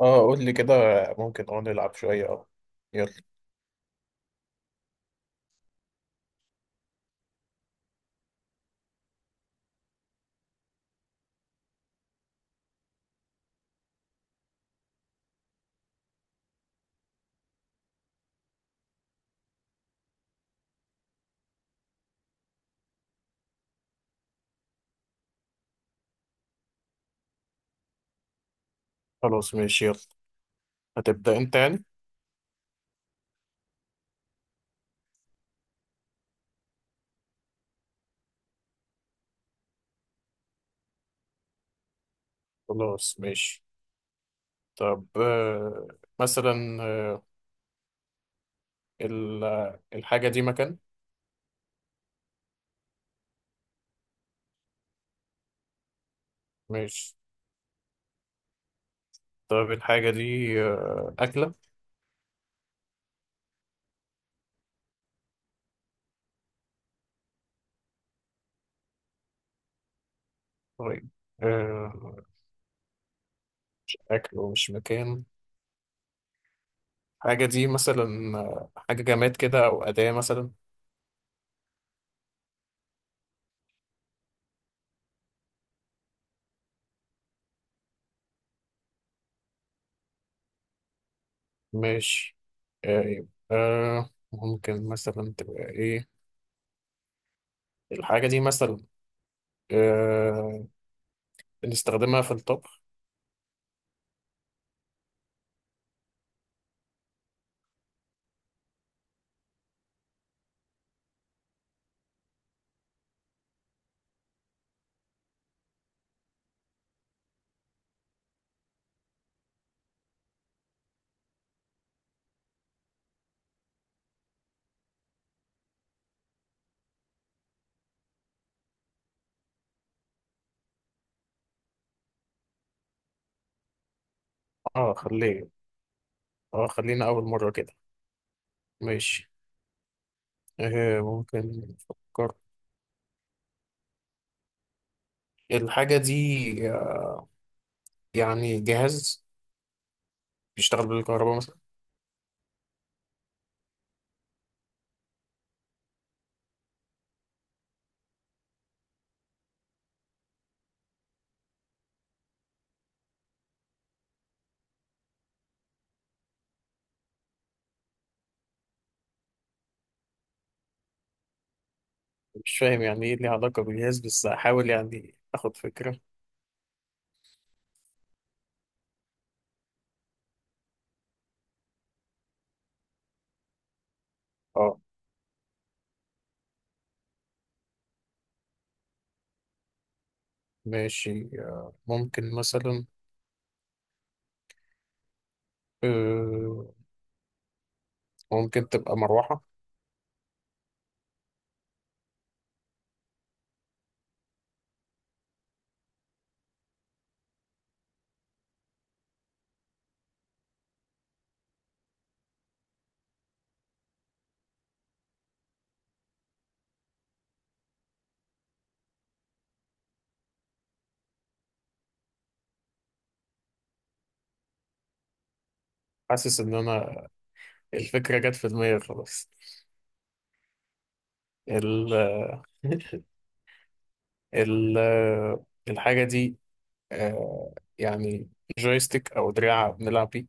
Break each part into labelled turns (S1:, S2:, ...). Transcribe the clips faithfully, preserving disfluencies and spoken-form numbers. S1: اه، قول لي كده. ممكن اه نلعب شوية اه يلا. خلاص ماشي، يلا. هتبدأ انت يعني؟ خلاص ماشي. طب آه، مثلا، آه، ال- آه، الحاجة دي مكان. ماشي. طب الحاجة دي آه، أكلة. طيب، آه، أكل ومش مكان. الحاجة دي مثلا آه، حاجة جماد كده، أو أداة مثلا. ماشي. آه، آه، ممكن مثلا تبقى إيه؟ الحاجة دي مثلا آه، بنستخدمها في الطبخ. اه، خليه. اه، خلينا اول مرة كده. ماشي آه ممكن نفكر. الحاجة دي يعني جهاز بيشتغل بالكهرباء مثلا. مش فاهم يعني ايه ليه علاقة بالجهاز، بس هحاول يعني اخد فكرة اه ماشي آه ممكن مثلا، آه ممكن تبقى مروحة. حاسس ان انا الفكرة جت في دماغي خلاص. ال ال الحاجة دي آه يعني جويستيك او دراع بنلعب بيه.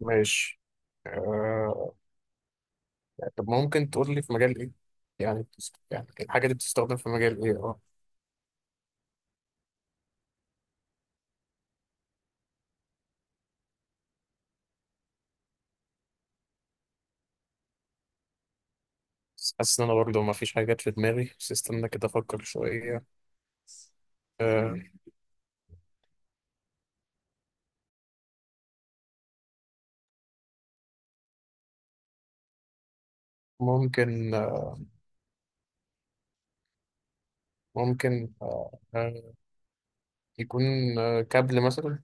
S1: ماشي آه... طب ممكن تقول لي في مجال ايه؟ يعني بتست- يعني الحاجة دي بتستخدم في مجال ايه اه بس حاسس ان انا برضه ما فيش حاجات في دماغي، بس استنى كده افكر شوية. آه... ممكن، آه... ممكن، آه... آه، يكون آه... كابل مثلا.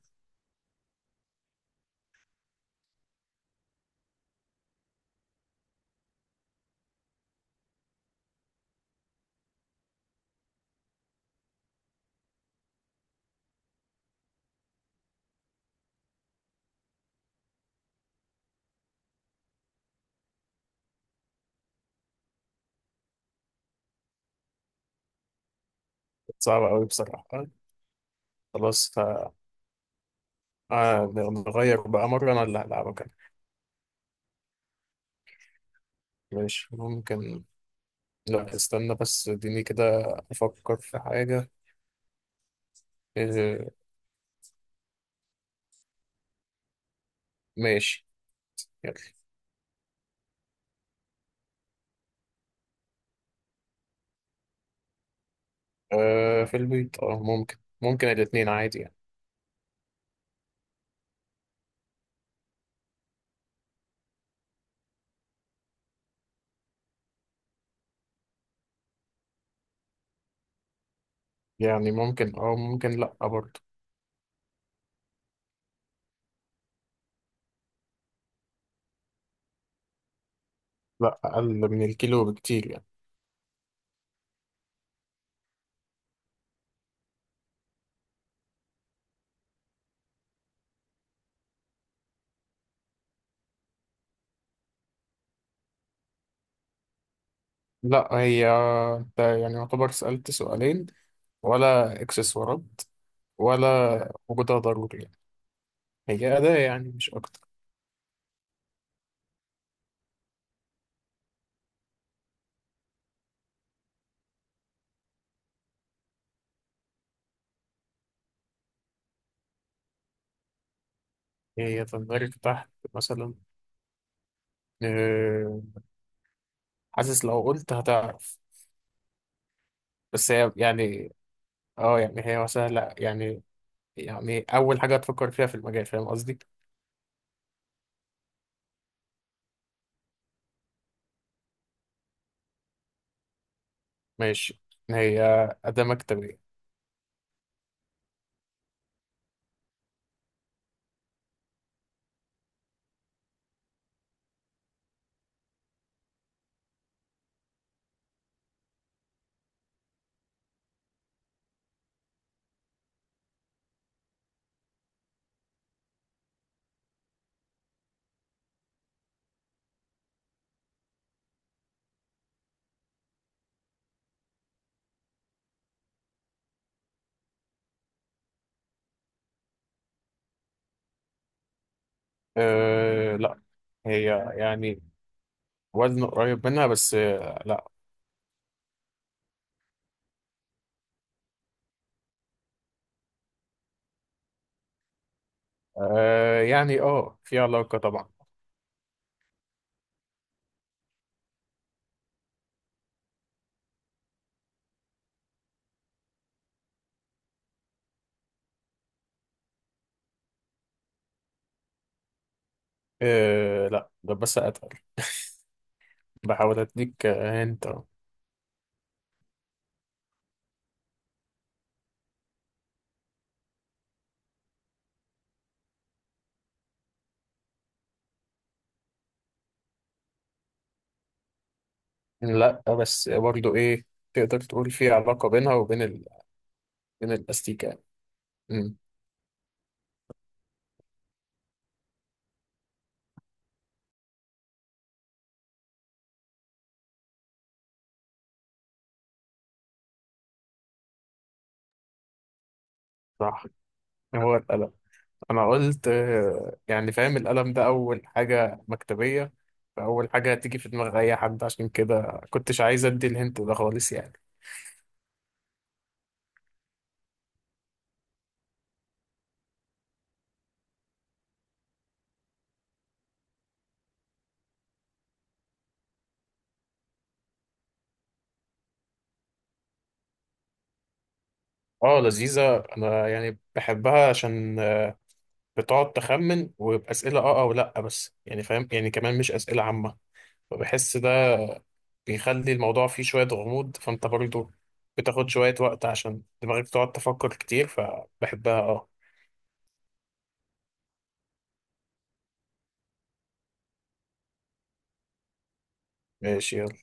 S1: صعب قوي بصراحة آه، خلاص. آه... آه، نغير بقى مرة، انا اللي هلعبك أنا. ماشي ممكن. لا، استنى بس اديني كده افكر في حاجة آه... ماشي. آه في البيت. اه، ممكن، ممكن الاتنين عادي يعني. يعني ممكن، اه ممكن، لأ برضه. لأ، أقل من الكيلو بكتير يعني. لأ، هي، انت يعني يعتبر سألت سؤالين. ولا اكسسوارات، ولا وجودها ضروري يعني؟ هي أداة يعني مش أكتر. هي تندرج تحت مثلا آه، حاسس لو قلت هتعرف. بس هي يعني، اه يعني هي سهلة يعني. يعني أول حاجة هتفكر فيها في المجال، فاهم قصدي؟ ماشي. هي أداة مكتبية. أه لا، هي يعني وزن قريب منها، بس آه، لا. أه يعني، اه في علاقة طبعا. أه لا، ده بس اتقل. بحاول اديك انت. لا، بس برضو ايه. تقدر تقول في علاقة بينها وبين ال... بين الاستيكان؟ أمم. صح. هو اتقل. انا قلت آه، يعني فاهم، القلم ده اول حاجة مكتبية، فاول حاجة هتيجي في دماغ اي حد، عشان كده كنتش عايز ادي الهنت ده خالص يعني. اه، لذيذة. انا يعني بحبها عشان آه، بتقعد تخمن، وبأسئلة اه او لا، بس يعني فاهم يعني كمان مش أسئلة عامة. فبحس بيخلي الموضوع فيه شوية غموض، فأنت برضو بتاخد شوية وقت عشان دماغك تقعد تفكر كتير، فبحبها اه. ماشي يلا.